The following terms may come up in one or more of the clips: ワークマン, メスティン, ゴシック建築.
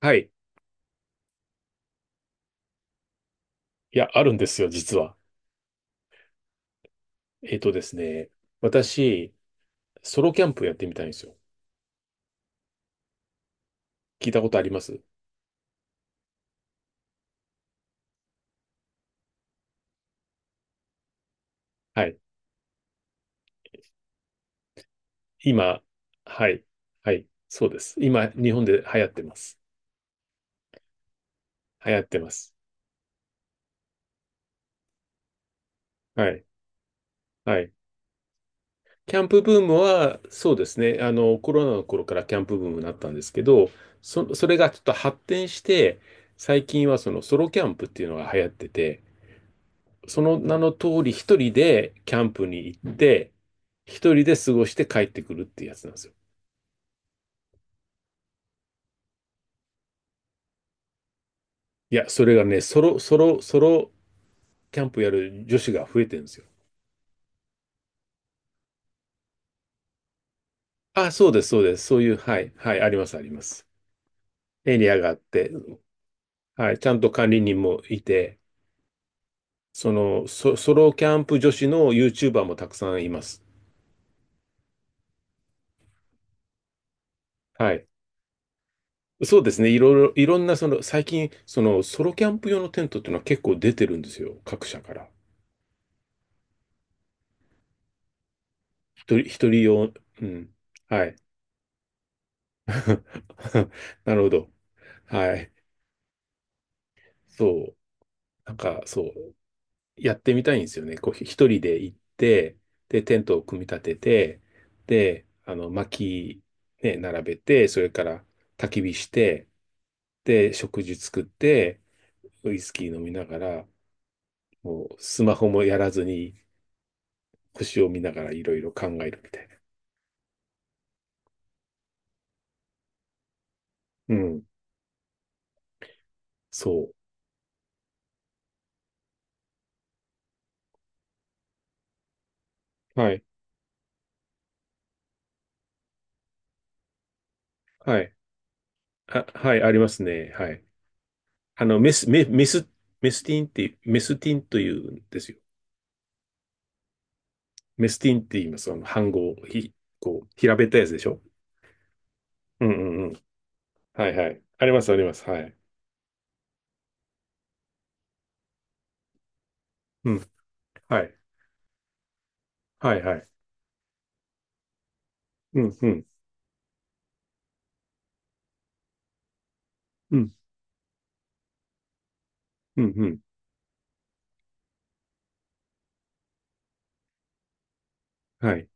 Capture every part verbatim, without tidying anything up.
はい。いや、あるんですよ、実は。えっとですね、私、ソロキャンプやってみたいんですよ。聞いたことありますはい。今、はい。はい。そうです。今、日本で流行ってます。流行ってます。はい。はい。キャンプブームは、そうですね。あの、コロナの頃からキャンプブームになったんですけど、そ、それがちょっと発展して、最近はそのソロキャンプっていうのが流行ってて、その名の通り一人でキャンプに行って、一人で過ごして帰ってくるっていうやつなんですよ。いや、それがね、ソロ、ソロ、ソロキャンプやる女子が増えてるんですよ。あ、そうです、そうです。そういう、はい、はい、あります、あります。エリアがあって、はい、ちゃんと管理人もいて、その、ソ、ソロキャンプ女子の YouTuber もたくさんいます。はい。そうですね。いろいろ、いろんな、その、最近、その、ソロキャンプ用のテントっていうのは結構出てるんですよ。各社から。一人、一人用、うん。はい。なるほど。はい。そう。なんか、そう。やってみたいんですよね。こう、ひ一人で行って、で、テントを組み立てて、で、あの、薪、ね、並べて、それから焚き火して、で、食事作って、ウイスキー飲みながら、もう、スマホもやらずに、星を見ながらいろいろ考えるみたいな。うん。そう。はい。はい。あ、はい、ありますね。はい。あの、メス、メ、メス、メスティンっていう、メスティンというんですよ。メスティンって言います。あの、半号、ひ、こう、平べったいやつでしょ。うんうんうん。はいはい。あります、あります。はい。うん。はい。はいはい。うん、うん、うん、うん、うん。はい。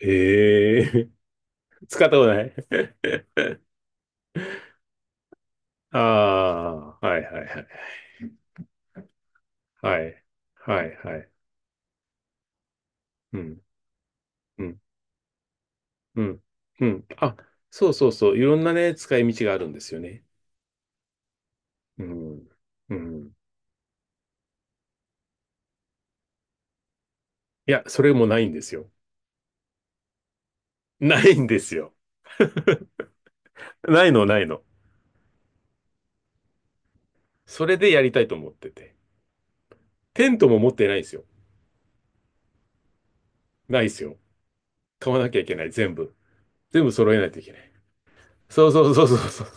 ええ。 使ったことない。 ああ、はいはいはい。はい。はいはい。うん、うん、うん、うん。あ、そうそうそう。いろんなね、使い道があるんですよね。うん、うん。いや、それもないんですよ。ないんですよ。ないの、ないの。それでやりたいと思ってて。テントも持ってないんですよ。ないですよ。買わなきゃいけない、全部。全部揃えないといけない。そうそうそうそうそう。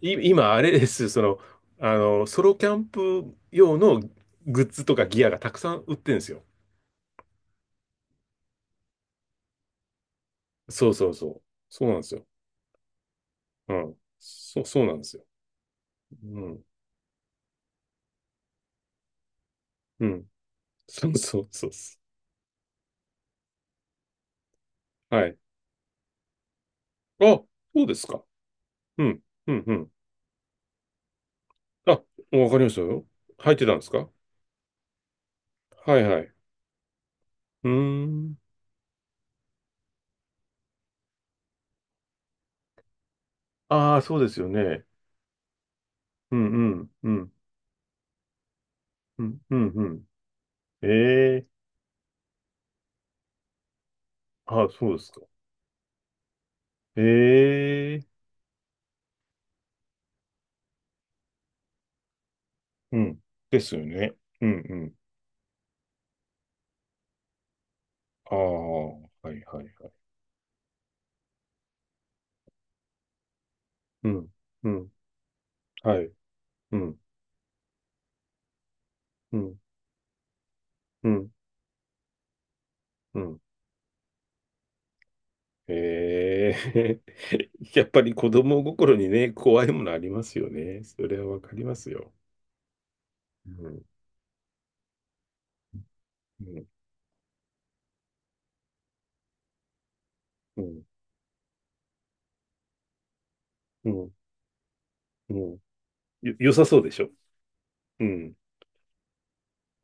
い今、あれです。その、あの、ソロキャンプ用のグッズとかギアがたくさん売ってるんですよ。そうそうそう。そうなんですよ。うん。そう、そうなんですよ。うん。うん。そうそうそうそう。はい。あ、そうですか。うん。うん、うん。あ、わかりましたよ。入ってたんですか？はいはい。うーん。ああ、そうですよね。うんうん、うん、うん、うん、うん。ええー。ああ、そうですか。ええー。うん。ですよね。うん、うん。ああ、はいはいはい。うん、うん、はい。うん、うん、うん、うん。ええー。 やっぱり子供心にね、怖いものありますよね。それはわかりますよ。うん、うん、うん、うん、うん。よ、良さそうでしょ。うん。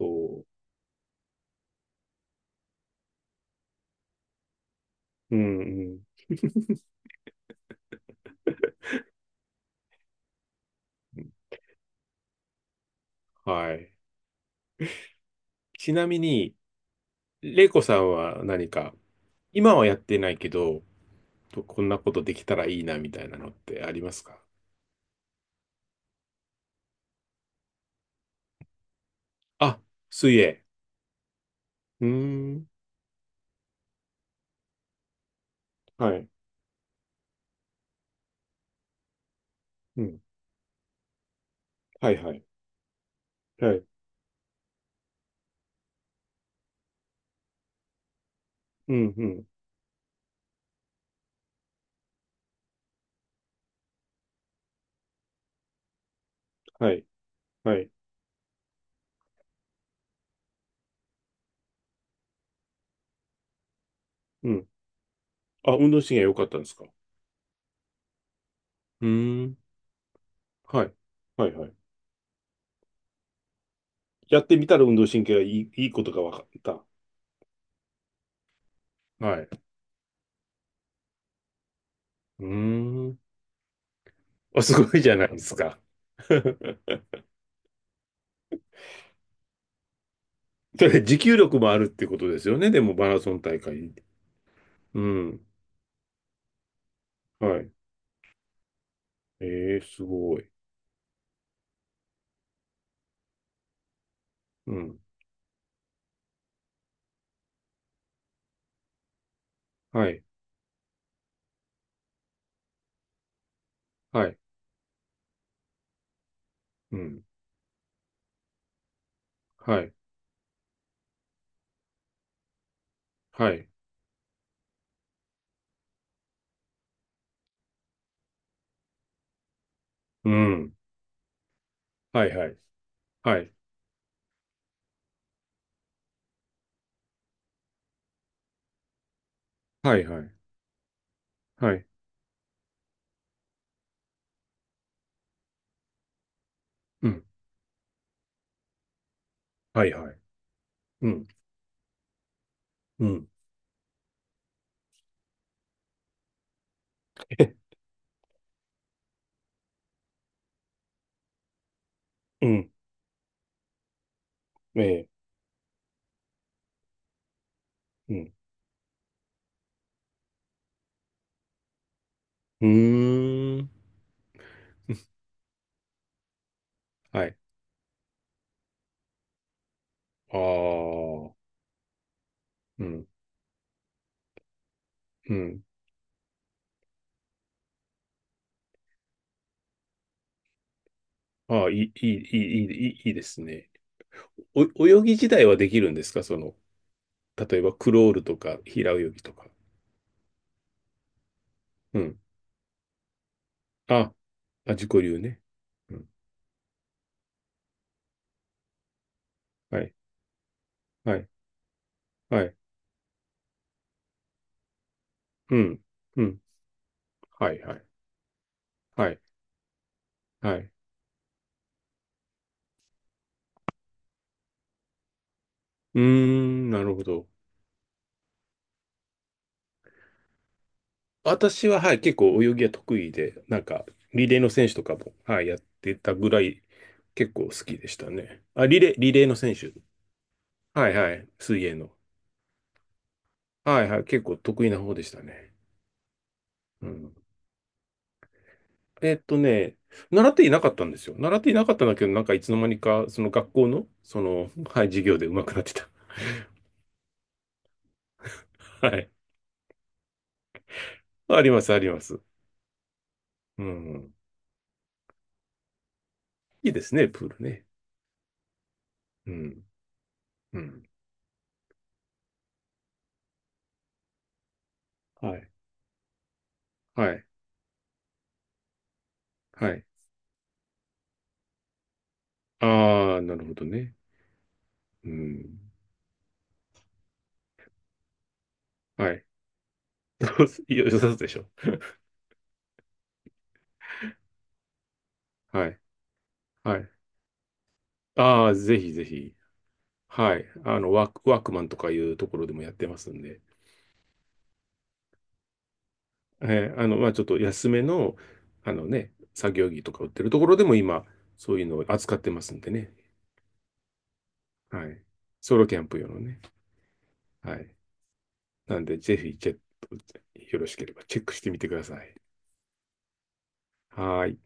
そう。うん、うん。うん。はい。ちなみに、レイコさんは何か、今はやってないけど、とこんなことできたらいいなみたいなのってありますか？あ、水泳。うーん。はい。うん。はいはい。はい。うん、うん。はい。はい。うん。あ、運動神経良かったんですか？うーん。はい。はいはい。やってみたら運動神経がいい、いいことが分かった。はい。うーん。あ、すごいじゃないですか。それ持久力もあるってことですよね。でもマラソン大会。うん。はい。ええすごい。うん。はい。はい。うん。はい。はい。うん。はいはい。はい。はい。はい。はい。うん。はいはい。うん。うん。うん。ええ。うん。うーん。はい。ああ。うん。うん。ああ、いい、いい、いい、いい、いいですね。お、泳ぎ自体はできるんですか？その、例えばクロールとか平泳ぎとか。うん。あ、あ、自己流ね。うん。はい。はい。はい。うん。うん。はいはい。はい。はい。うーん、なるほど。私は、はい、結構泳ぎは得意で、なんか、リレーの選手とかも、はい、やってたぐらい、結構好きでしたね。あ、リレー、リレーの選手。はいはい、水泳の。はいはい、結構得意な方でしたね。うん。えっとね、習っていなかったんですよ。習っていなかったんだけど、なんかいつの間にか、その学校の、その、はい、授業で上手くなってた。はい。あります、あります。うん。いいですね、プールね。うん。うん。はい。はい。はい。ああ、なるほどね。うん。はい。よ、良さそうでしょ。はい。はい。ああ、ぜひぜひ。はい。あの、ワーク、ワークマンとかいうところでもやってますんで。えーあの、まあ、ちょっと安めの、あのね、作業着とか売ってるところでも今、そういうのを扱ってますんでね。はい。ソロキャンプ用のね。はい。なんで、ぜひ、チェック、よろしければチェックしてみてください。はーい。